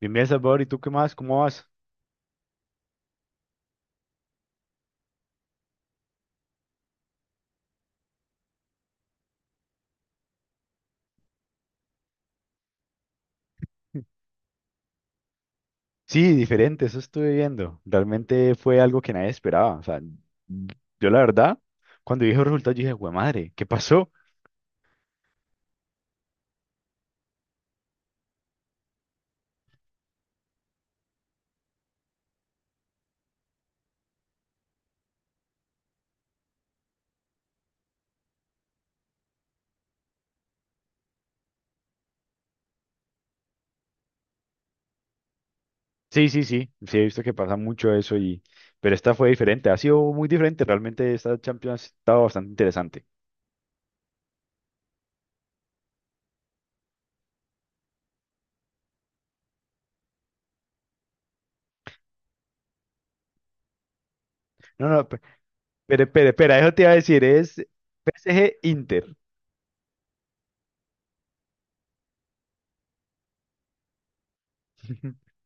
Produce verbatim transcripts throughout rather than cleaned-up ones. Bien, bien, Salvador, ¿y tú qué más? ¿Cómo vas? Sí, diferente, eso estuve viendo. Realmente fue algo que nadie esperaba. O sea, yo la verdad, cuando dije el resultado, yo dije, güey, madre, ¿qué pasó? Sí, sí, sí, sí, he visto que pasa mucho eso y... Pero esta fue diferente, ha sido muy diferente. Realmente esta Champions ha estado bastante interesante. No, no, pe- pero, pero, espera, eso te iba a decir, es P S G Inter.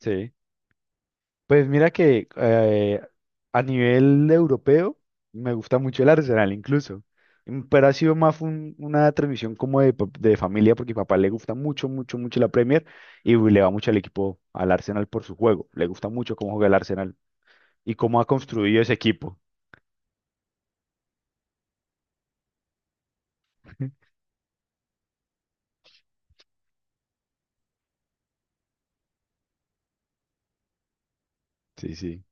Sí. Pues mira que eh, a nivel europeo me gusta mucho el Arsenal incluso. Mm, pero ha sido más un- una transmisión como de, pa- de familia, porque a mi papá le gusta mucho, mucho, mucho la Premier y le va mucho al equipo, al Arsenal, por su juego. Le gusta mucho cómo juega el Arsenal y cómo ha construido ese equipo. Sí, sí.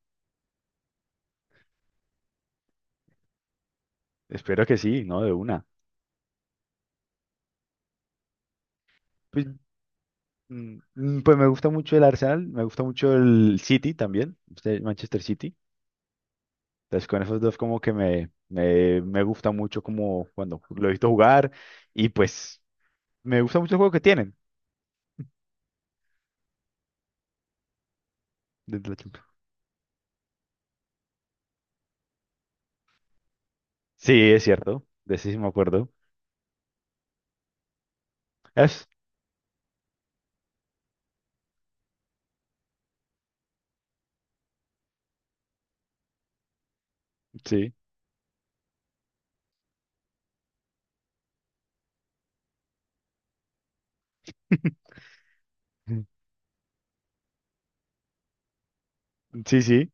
Espero que sí, ¿no? De una. Pues, mm, mm, pues me gusta mucho el Arsenal, me gusta mucho el City también, este Manchester City. Entonces con esos dos como que me, me, me gusta mucho como cuando lo he visto jugar, y pues me gusta mucho el juego que tienen. Desde la chimpa. Sí, es cierto, de ese sí me acuerdo. Es, sí, sí, sí.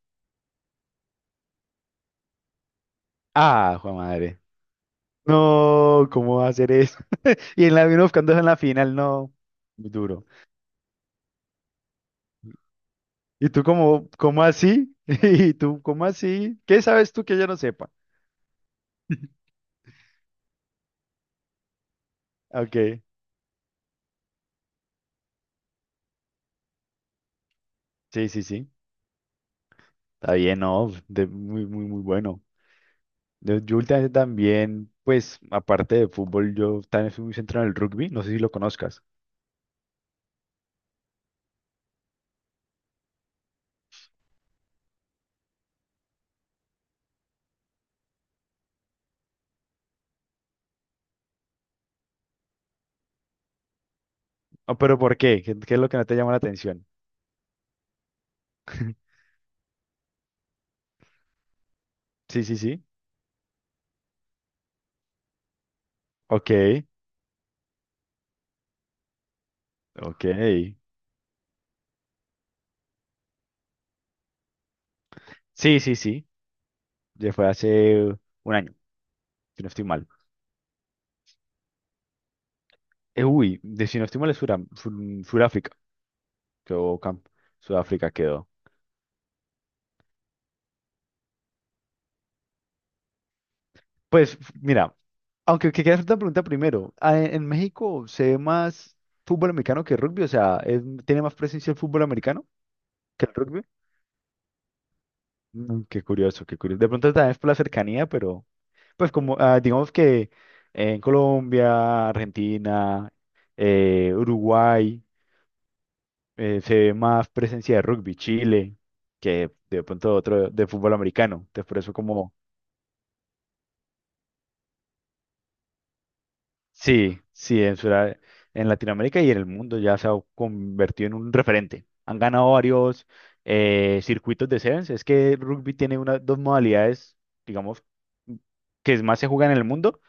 Ah, jue madre. No, ¿cómo va a hacer eso? Y en la vino buscando en la final, no, muy duro. ¿Y tú cómo, cómo así? ¿Y tú cómo así? ¿Qué sabes tú que yo no sepa? Ok, sí, sí, sí. Está bien, no, de- muy, muy, muy bueno. Yo, yo últimamente también, pues, aparte de fútbol, yo también fui muy centrado en el rugby. No sé si lo conozcas. Ah, pero ¿por qué? ¿Qué, qué es lo que no te llama la atención? Sí, sí, sí. Ok, ok. Sí, sí, sí. Ya fue hace un año, si no estoy mal. Eh, uy, de si no estoy mal es Suram- Sur- Sudáfrica. Quedó camp- Sudáfrica quedó. Pues, f- mira, aunque que quieras hacer una pregunta primero. ah, En en México se ve más fútbol americano que rugby, o sea, es- tiene más presencia el fútbol americano que el rugby. Mm, qué curioso, qué curioso. De pronto también es por la cercanía, pero pues como ah, digamos que en Colombia, Argentina, eh, Uruguay, eh, se ve más presencia de rugby, Chile, que de pronto otro de fútbol americano. Entonces por eso como, sí, sí, en, Sudá- en Latinoamérica y en el mundo ya se ha convertido en un referente. Han ganado varios eh, circuitos de sevens. Es que el rugby tiene una, dos modalidades, digamos, que más se juega en el mundo.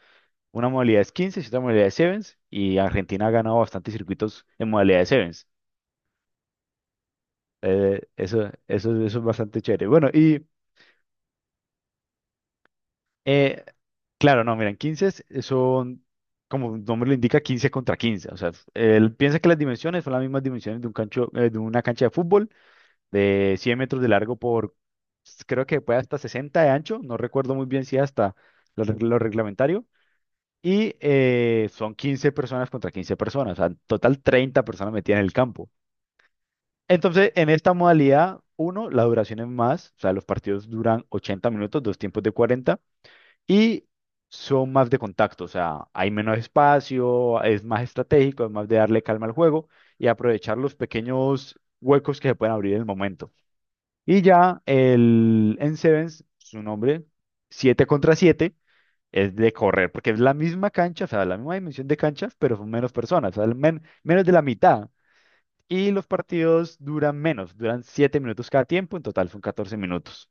Una modalidad es quince y otra modalidad es Sevens. Y Argentina ha ganado bastantes circuitos en modalidad de Sevens. Eh, eso, eso, eso es bastante chévere. Bueno, y eh, claro, no, miren, quince son, como el nombre lo indica, quince contra quince. O sea, él piensa que las dimensiones son las mismas dimensiones de, un cancho, eh, de una cancha de fútbol de cien metros de largo por, creo que puede hasta sesenta de ancho. No recuerdo muy bien si hasta lo, reg- lo reglamentario. Y eh, son quince personas contra quince personas, o sea, en total treinta personas metidas en el campo. Entonces, en esta modalidad, uno, la duración es más, o sea, los partidos duran ochenta minutos, dos tiempos de cuarenta, y son más de contacto, o sea, hay menos espacio, es más estratégico, es más de darle calma al juego y aprovechar los pequeños huecos que se pueden abrir en el momento. Y ya el en Sevens, su nombre, siete contra siete, es de correr, porque es la misma cancha, o sea, la misma dimensión de canchas, pero son menos personas, o sea, men- menos de la mitad. Y los partidos duran menos, duran siete minutos cada tiempo, en total son catorce minutos.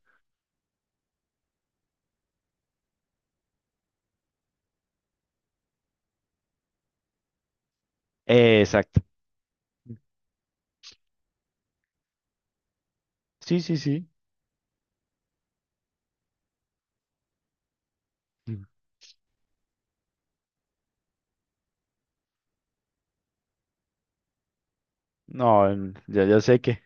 Eh, exacto. Sí, sí, sí. Mm. No, en- ya, ya sé que,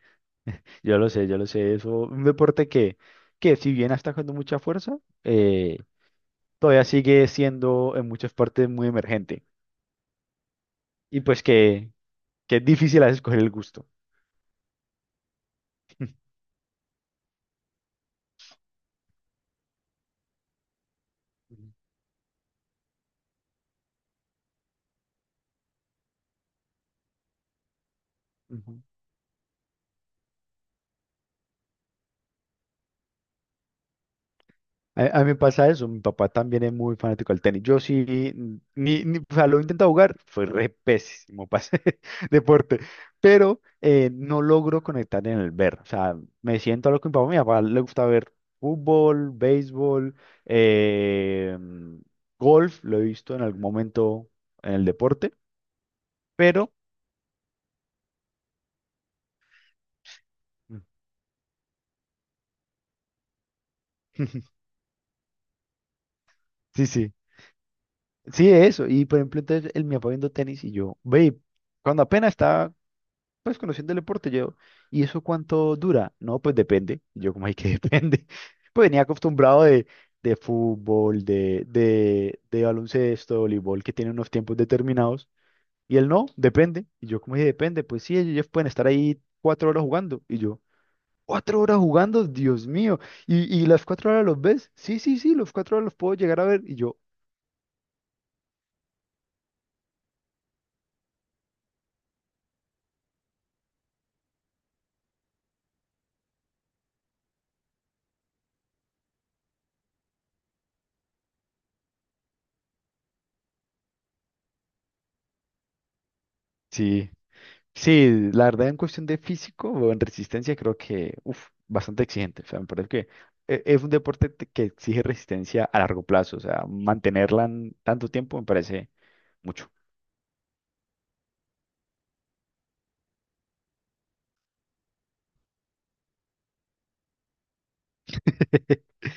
yo lo sé, yo lo sé, eso, un deporte que, que si bien está con mucha fuerza, eh, todavía sigue siendo en muchas partes muy emergente. Y pues que, que es difícil a veces coger el gusto. Ujú. A, a mí me pasa eso, mi papá también es muy fanático del tenis. Yo sí, ni, ni- o sea, lo he intentado jugar, fue re pésimo para ese deporte, pero eh, no logro conectar en el ver. O sea, me siento a lo que mi papá, mi papá le gusta ver fútbol, béisbol, eh, golf, lo he visto en algún momento en el deporte, pero sí, sí, sí, eso. Y por ejemplo, entonces él me papá viendo tenis y yo, ve, cuando apenas estaba. Pues conociendo el deporte, yo, ¿y eso cuánto dura? No, pues depende. Yo, como hay que depende. Pues venía acostumbrado de, de fútbol, de, de, de baloncesto, voleibol, que tiene unos tiempos determinados. Y él no, depende. Y yo, como dije, depende. Pues sí, ellos pueden estar ahí cuatro horas jugando. Y yo, ¿cuatro horas jugando? Dios mío. ¿Y, y las cuatro horas los ves? Sí, sí, sí, los cuatro horas los puedo llegar a ver. Y yo, sí. Sí, la verdad en cuestión de físico o en resistencia creo que, uf, bastante exigente. O sea, me parece que e- es un deporte te- que exige resistencia a largo plazo. O sea, mantenerla en tanto tiempo me parece mucho.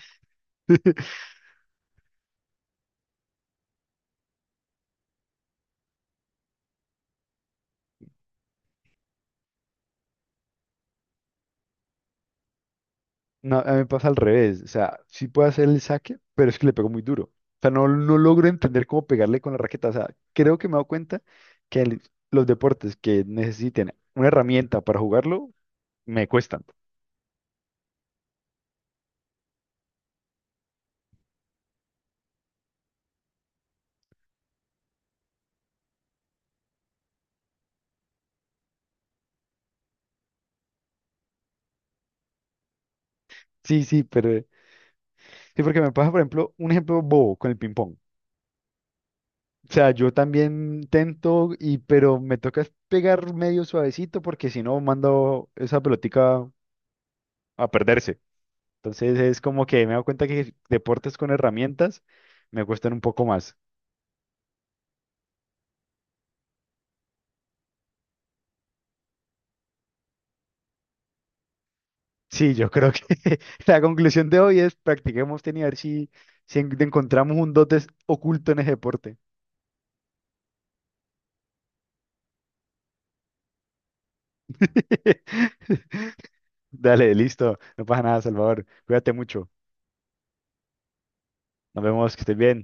No, a mí me pasa al revés. O sea, sí puedo hacer el saque, pero es que le pego muy duro. O sea, no, no logro entender cómo pegarle con la raqueta. O sea, creo que me he dado cuenta que el- los deportes que necesiten una herramienta para jugarlo me cuestan. Sí, sí, pero sí, porque me pasa, por ejemplo, un ejemplo bobo con el ping-pong. O sea, yo también tento, y, pero me toca es pegar medio suavecito porque si no mando esa pelotica a perderse. Entonces es como que me doy cuenta que deportes con herramientas me cuestan un poco más. Sí, yo creo que la conclusión de hoy es practiquemos tenis a ver si, si en- encontramos un dotes oculto en ese deporte. Dale, listo. No pasa nada, Salvador. Cuídate mucho. Nos vemos, que estés bien.